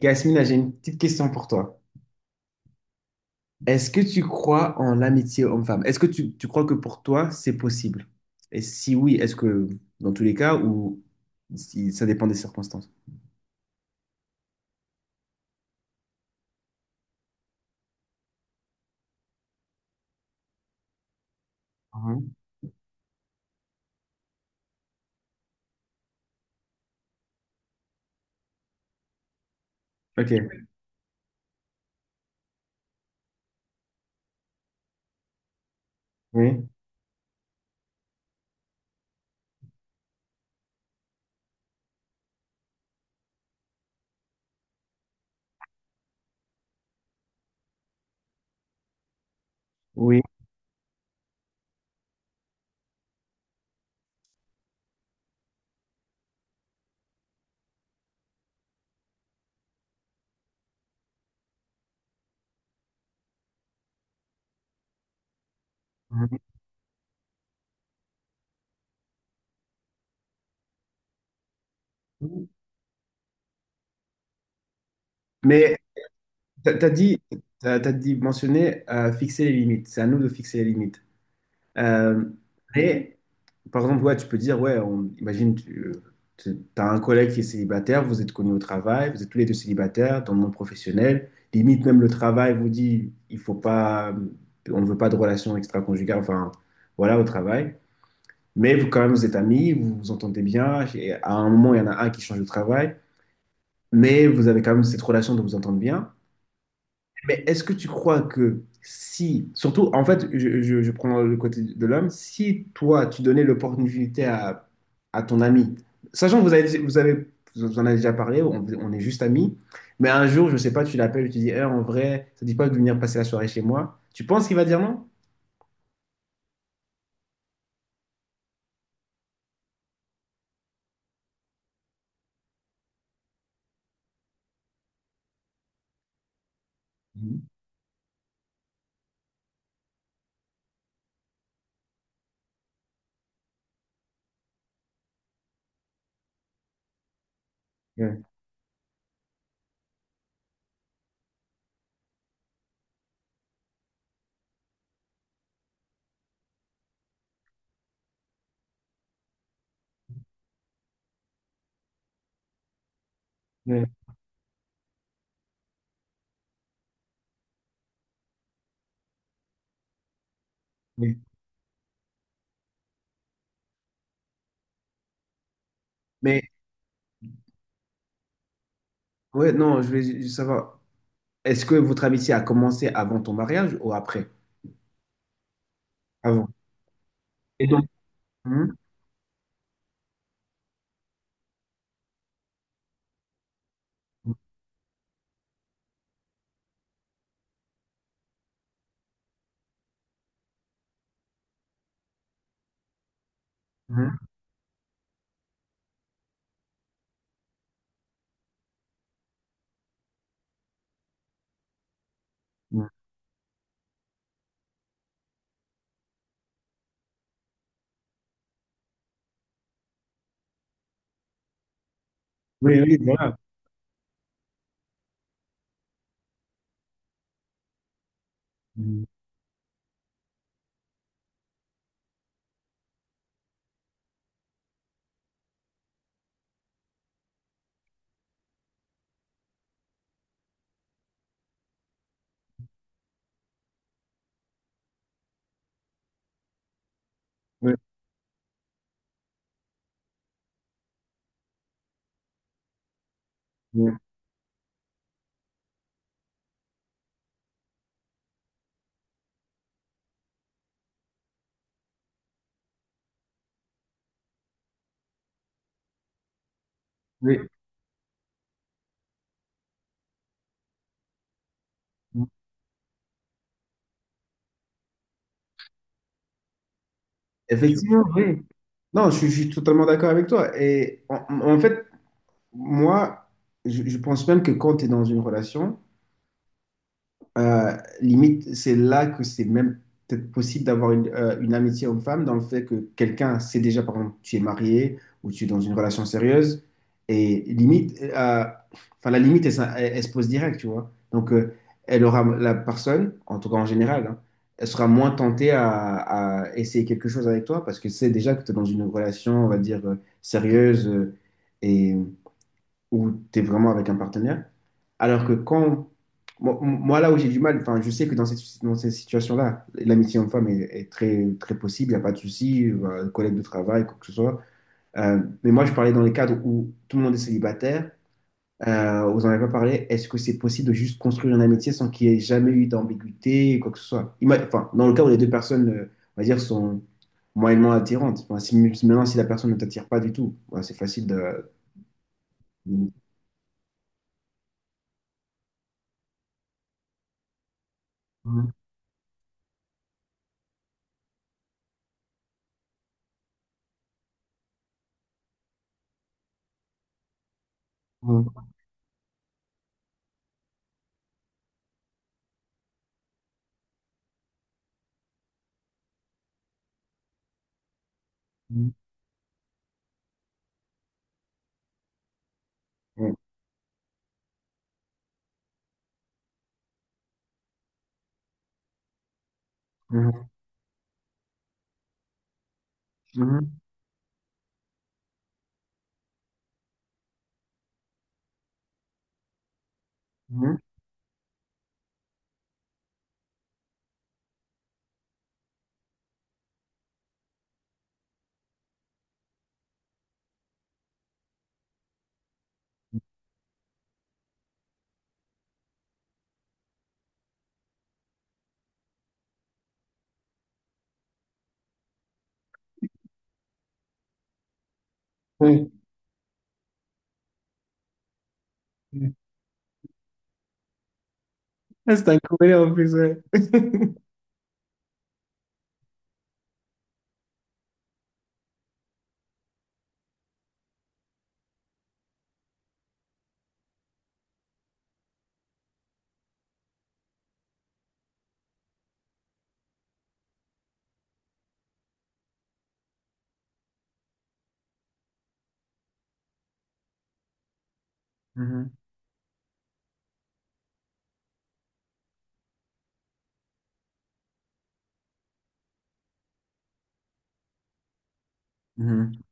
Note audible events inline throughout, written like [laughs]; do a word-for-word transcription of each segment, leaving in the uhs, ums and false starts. Yasmina, j'ai une petite question pour toi. Est-ce que tu crois en l'amitié homme-femme? Est-ce que tu, tu crois que pour toi, c'est possible? Et si oui, est-ce que dans tous les cas ou si ça dépend des circonstances? Mhm. Ok, oui, oui. Mhm. Mais tu as dit, t'as, t'as dit mentionné euh, fixer les limites. C'est à nous de fixer les limites. Euh, mais, par exemple, ouais, tu peux dire, ouais, on, imagine, tu as un collègue qui est célibataire, vous êtes connus au travail, vous êtes tous les deux célibataires dans le monde professionnel. Limite, même le travail vous dit, il faut pas, on ne veut pas de relation extra-conjugale, enfin, voilà, au travail. Mais vous, quand même, vous êtes amis, vous vous entendez bien. Et à un moment, il y en a un qui change de travail, mais vous avez quand même cette relation de vous entendre bien. Mais est-ce que tu crois que si, surtout, en fait, je, je- je prends le côté de l'homme, si toi, tu donnais l'opportunité à, à ton ami, sachant que vous avez, vous avez, vous en avez déjà parlé, on, on est juste amis, mais un jour, je sais pas, tu l'appelles, tu dis, Eh, en vrai, ça te dit pas de venir passer la soirée chez moi, tu penses qu'il va dire non? Mhm. Ouais, ouais, ouais. Mais, ouais, non, je vais juste savoir, est-ce que votre amitié a commencé avant ton mariage ou après? Avant. Et donc, mhm. Mhm. Mhm. Oui, oui, voilà. Mhm. Oui, oui. Oui, effectivement, oui. Non, je, suis je suis totalement d'accord avec toi. Et en, en fait, moi, je, je pense même que quand tu es dans une relation, Euh, limite, c'est là que c'est même peut-être possible d'avoir une, euh, une amitié homme-femme dans le fait que quelqu'un sait déjà, par exemple, tu es marié ou tu es dans une relation sérieuse. Et limite, euh, enfin, la limite, elle, s- elle- elle se pose direct, tu vois. Donc, euh, elle aura, la personne, en tout cas en général, hein, elle sera moins tentée à, à essayer quelque chose avec toi parce que c'est déjà que tu es dans une relation, on va dire, euh, sérieuse. euh, Où tu es vraiment avec un partenaire. Alors que quand, moi, moi, là où j'ai du mal, enfin, je sais que dans cette, dans ces situations-là, l'amitié homme-femme est, est très, très possible, il n'y a pas de souci, euh, collègue de travail, quoi que ce soit. Euh, mais moi, je parlais dans les cadres où tout le monde est célibataire, euh, vous n'en avez pas parlé, est-ce que c'est possible de juste construire une amitié sans qu'il y ait jamais eu d'ambiguïté, quoi que ce soit? Ima- Enfin, dans le cas où les deux personnes, euh, on va dire, sont moyennement attirantes. Enfin, si, si maintenant, si la personne ne t'attire pas du tout, ouais, c'est facile de... Mhm, mhm, mhm. Sim, sim. Ah, Você tá en plus, ouais. [laughs] Mhm, mhm.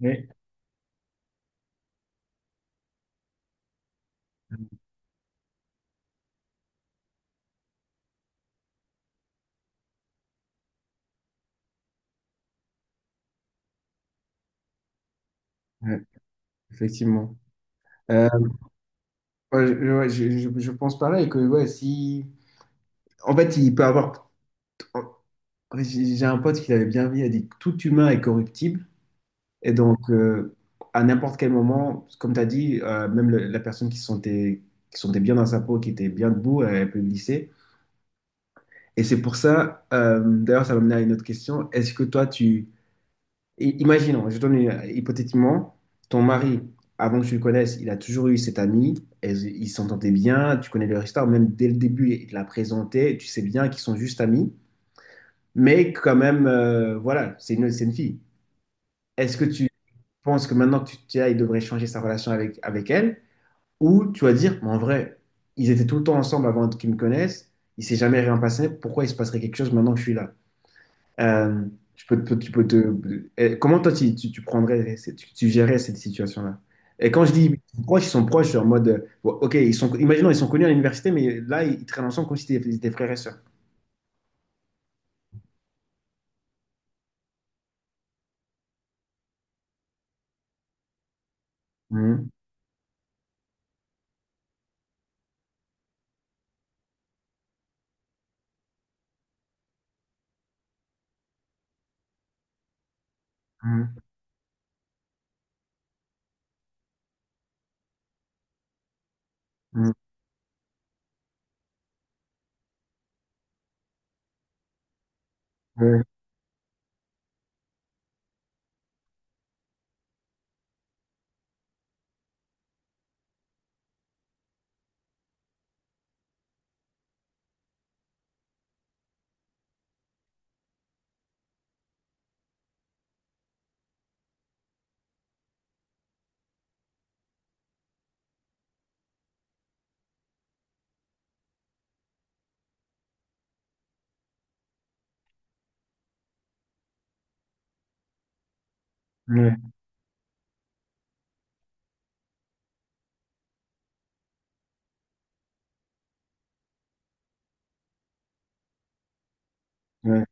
Ouais, mm-hmm, ouais, effectivement. Euh, ouais, je, ouais, je- je- je pense pareil que ouais, si. En fait, il peut avoir. J'ai j'ai un pote qui l'avait bien vu, il a dit que tout humain est corruptible. Et donc, euh, à n'importe quel moment, comme tu as dit, euh, même le- la personne qui se sentait, qui se sentait bien dans sa peau, qui était bien debout, elle peut glisser. Et c'est pour ça, euh, d'ailleurs, ça m'amène à une autre question. Est-ce que toi, tu. I- Imaginons, je donne une- euh, hypothétiquement, ton mari, avant que tu le connaisses, il a toujours eu cette amie, elles- ils s'entendaient bien, tu connais leur histoire, même dès le début, il te l'a présentée, tu sais bien qu'ils sont juste amis, mais quand même, euh, voilà, c'est une, c'est une fille. Est-ce que tu penses que maintenant que tu tu es là, il devrait changer sa relation avec, avec elle, ou tu vas dire, Mais en vrai, ils étaient tout le temps ensemble avant qu'ils me connaissent, il s'est jamais rien passé, pourquoi il se passerait quelque chose maintenant que je suis là? Euh, Tu peux, te- tu peux te- eh, comment toi, tu, tu, tu prendrais, cette- tu, tu gérerais cette situation-là? Et quand je dis proches, ils sont proches, genre en mode, euh, bon, ok, ils sont, imaginons, ils sont connus à l'université, mais là, ils, ils traînent ensemble comme si c'était des frères et sœurs. Mhm, mhm, mhm. Ouais, ouais, ouais,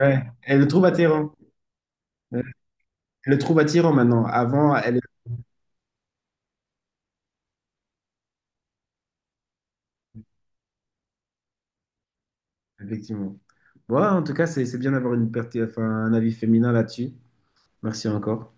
ouais. Elle le trouve attirant. Elle le trouve attirant maintenant. Avant, elle. Effectivement. Voilà, en tout cas, c'est c'est bien d'avoir une perte, enfin, un avis féminin là-dessus. Merci encore.